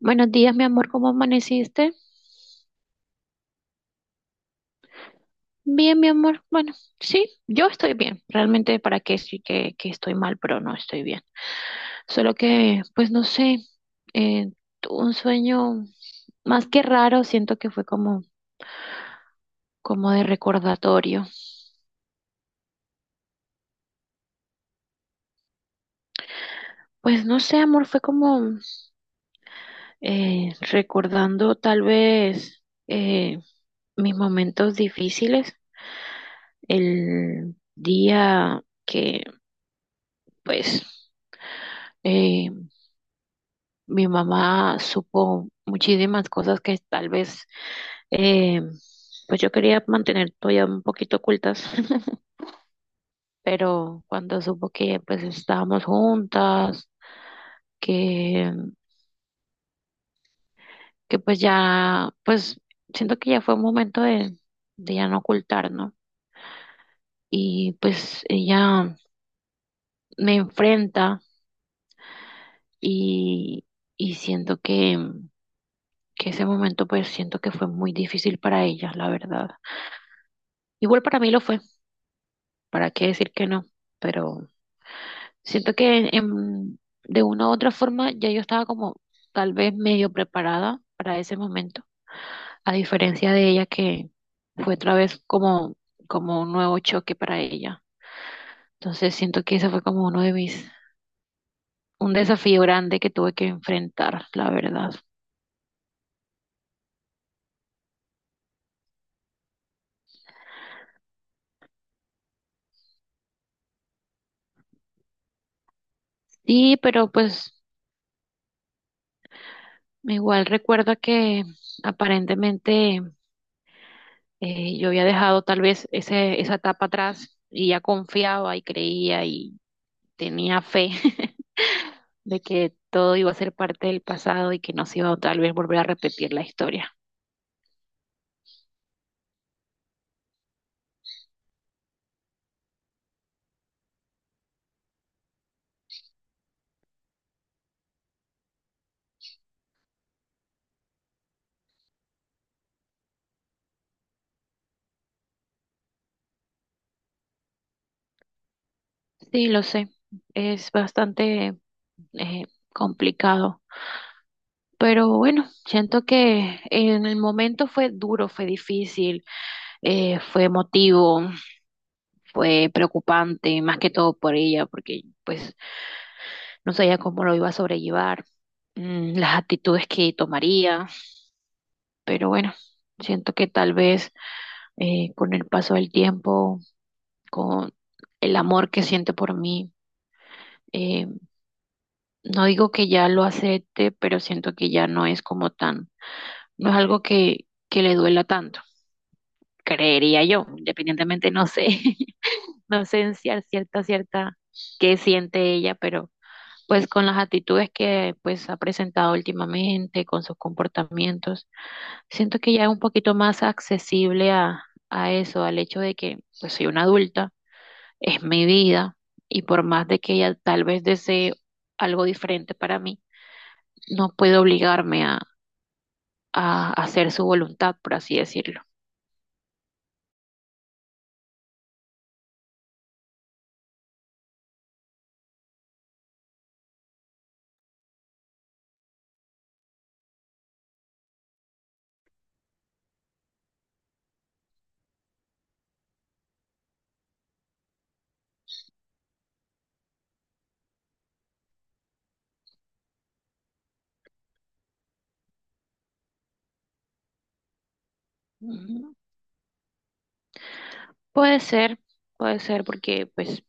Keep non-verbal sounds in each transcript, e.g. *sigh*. Buenos días, mi amor, ¿cómo amaneciste? Bien, mi amor. Bueno, sí, yo estoy bien. Realmente, ¿para qué sí que estoy mal, pero no estoy bien? Solo que, pues no sé, eh, tuve un sueño más que raro, siento que fue como, como de recordatorio. Pues no sé, amor, fue como recordando tal vez mis momentos difíciles, el día que, pues... eh, Mi mamá supo muchísimas cosas que tal vez, eh, pues yo quería mantener todavía un poquito ocultas, *laughs* pero cuando supo que pues estábamos juntas, que, que pues ya, pues siento que ya fue un momento de ya no ocultar, ¿no? Y pues ella me enfrenta y, y siento que ese momento pues siento que fue muy difícil para ella, la verdad. Igual para mí lo fue. ¿Para qué decir que no? Pero siento que de una u otra forma ya yo estaba como tal vez medio preparada para ese momento, a diferencia de ella que fue otra vez como, como un nuevo choque para ella. Entonces siento que ese fue como uno de mis, un desafío grande que tuve que enfrentar, la verdad. Sí, pero pues igual recuerdo que aparentemente yo había dejado tal vez esa etapa atrás y ya confiaba y creía y tenía fe *laughs* de que todo iba a ser parte del pasado y que no se iba a tal vez volver a repetir la historia. Sí, lo sé, es bastante eh, complicado, pero bueno, siento que en el momento fue duro, fue difícil, fue emotivo, fue preocupante, más que todo por ella, porque pues no sabía cómo lo iba a sobrellevar, las actitudes que tomaría, pero bueno. Siento que tal vez con el paso del tiempo con el amor que siente por mí. Eh, no digo que ya lo acepte, pero siento que ya no es como tan, no es algo que le duela tanto, creería yo, independientemente, no sé, *laughs* no sé en cierta, qué siente ella, pero pues con las actitudes que pues ha presentado últimamente, con sus comportamientos, siento que ya es un poquito más accesible a eso, al hecho de que pues soy una adulta, es mi vida y por más de que ella tal vez desee algo diferente para mí, no puedo obligarme a hacer su voluntad, por así decirlo. Ujú. Puede ser, puede ser porque pues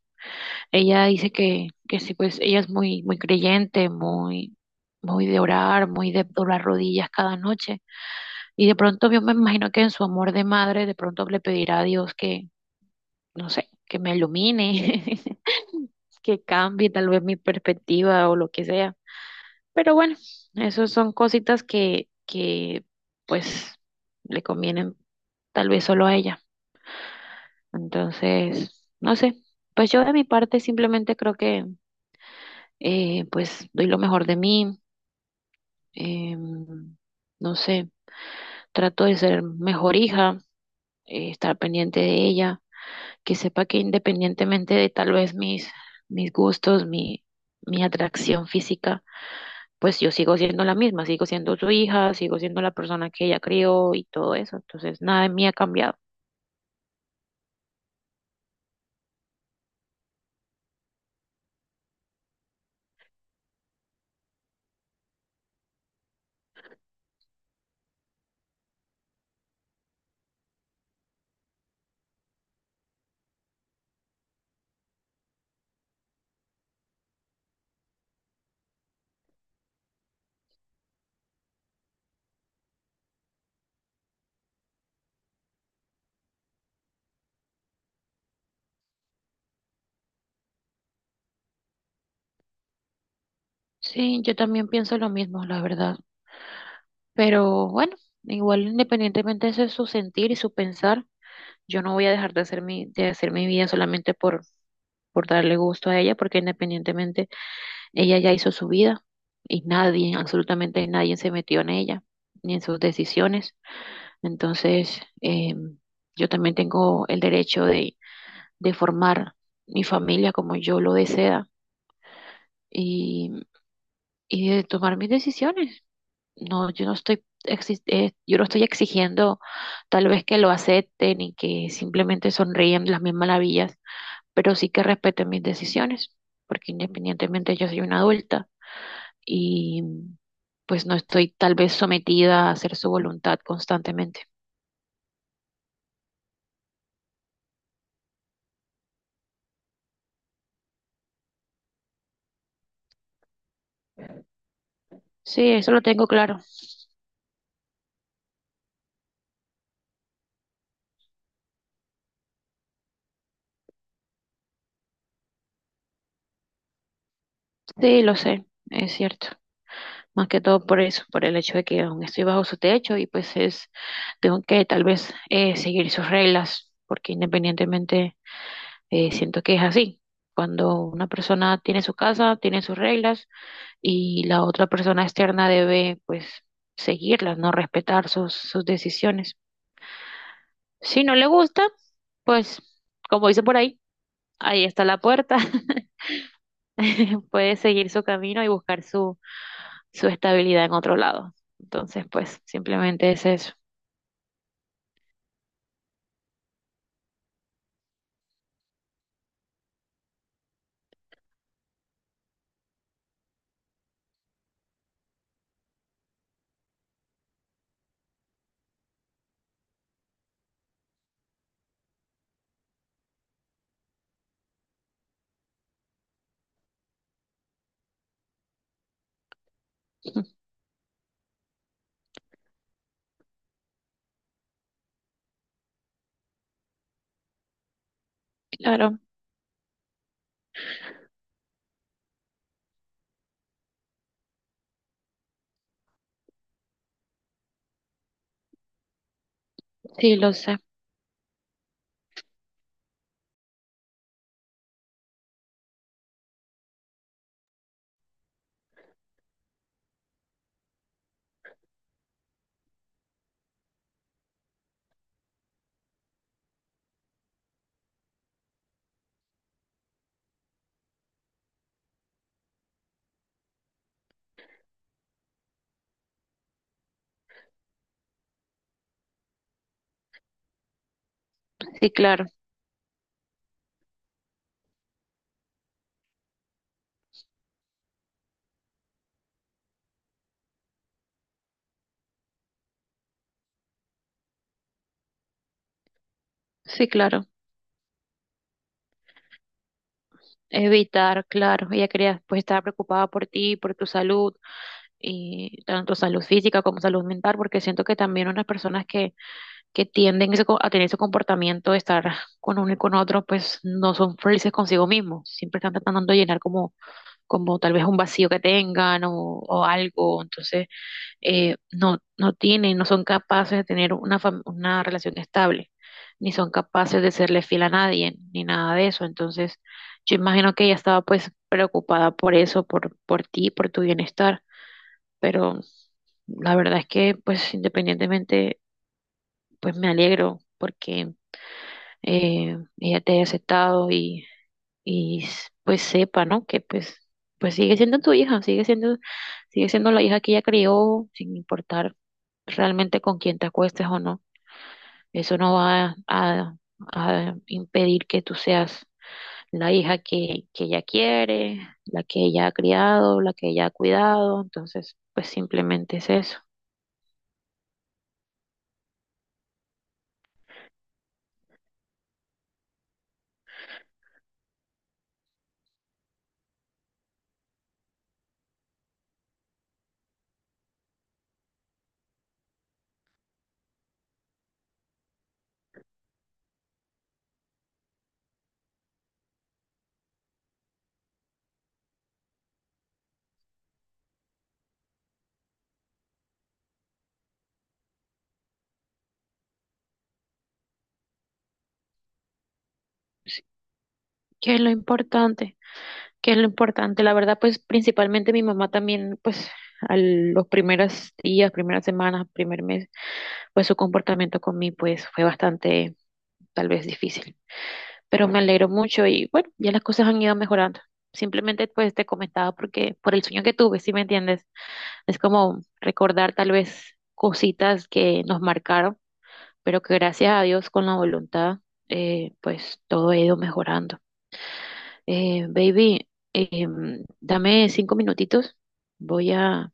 ella dice que sí, pues ella es muy, muy creyente, muy, muy de orar, muy de doblar rodillas cada noche. Y de pronto yo me imagino que en su amor de madre, de pronto le pedirá a Dios que, no sé, que me ilumine, *laughs* que cambie tal vez mi perspectiva o lo que sea. Pero bueno, esas son cositas que pues le convienen tal vez solo a ella. Entonces, no sé, pues yo de mi parte simplemente creo que pues doy lo mejor de mí, em, no sé, trato de ser mejor hija, estar pendiente de ella, que sepa que independientemente de tal vez mis, mis gustos, mi atracción física, pues yo sigo siendo la misma, sigo siendo su hija, sigo siendo la persona que ella crió y todo eso. Entonces, nada de mí ha cambiado. Sí, yo también pienso lo mismo, la verdad. Pero bueno, igual independientemente de eso es su sentir y su pensar, yo no voy a dejar de hacer mi vida solamente por darle gusto a ella, porque independientemente ella ya hizo su vida y nadie, absolutamente nadie se metió en ella ni en sus decisiones. Entonces, yo también tengo el derecho de formar mi familia como yo lo desea y, y de tomar mis decisiones. No, yo no estoy exigiendo tal vez que lo acepten y que simplemente sonríen las mismas maravillas, pero sí que respeten mis decisiones, porque independientemente yo soy una adulta y pues no estoy tal vez sometida a hacer su voluntad constantemente. Sí, eso lo tengo claro. Sí, lo sé, es cierto. Más que todo por eso, por el hecho de que aún estoy bajo su techo y pues es, tengo que tal vez seguir sus reglas, porque independientemente siento que es así. Cuando una persona tiene su casa, tiene sus reglas y la otra persona externa debe pues seguirlas, no respetar sus, sus decisiones. Si no le gusta, pues como dice por ahí, ahí está la puerta. *laughs* Puede seguir su camino y buscar su, su estabilidad en otro lado. Entonces, pues simplemente es eso. *laughs* Claro, sí, lo sé. Sí, claro, sí, claro. Evitar, claro. Ella quería pues estar preocupada por ti, por tu salud, y tanto salud física como salud mental, porque siento que también unas personas que tienden a tener ese comportamiento de estar con uno y con otro, pues no son felices consigo mismos. Siempre están tratando de llenar como, como tal vez un vacío que tengan o algo. Entonces, no, no tienen, no son capaces de tener una, una relación estable, ni son capaces de serle fiel a nadie, ni nada de eso. Entonces, yo imagino que ella estaba pues preocupada por eso, por ti, por tu bienestar. Pero la verdad es que pues independientemente, pues me alegro porque ella te haya aceptado y, pues sepa, ¿no? Que pues, pues sigue siendo tu hija, sigue siendo la hija que ella crió, sin importar realmente con quién te acuestes o no. Eso no va a impedir que tú seas la hija que ella quiere, la que ella ha criado, la que ella ha cuidado. Entonces, pues simplemente es eso. Sí, ¿qué es lo importante? Que es lo importante. La verdad, pues principalmente mi mamá también, pues a los primeros días, primeras semanas, primer mes, pues su comportamiento con mí, pues fue bastante, tal vez difícil. Pero me alegro mucho y bueno, ya las cosas han ido mejorando. Simplemente pues te comentaba porque por el sueño que tuve, si me entiendes, es como recordar tal vez cositas que nos marcaron, pero que gracias a Dios con la voluntad, pues todo ha ido mejorando. Baby, dame 5 minutitos. Voy a,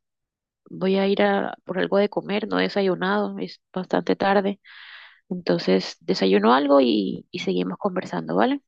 voy a ir a por algo de comer. No he desayunado, es bastante tarde. Entonces, desayuno algo y seguimos conversando, ¿vale?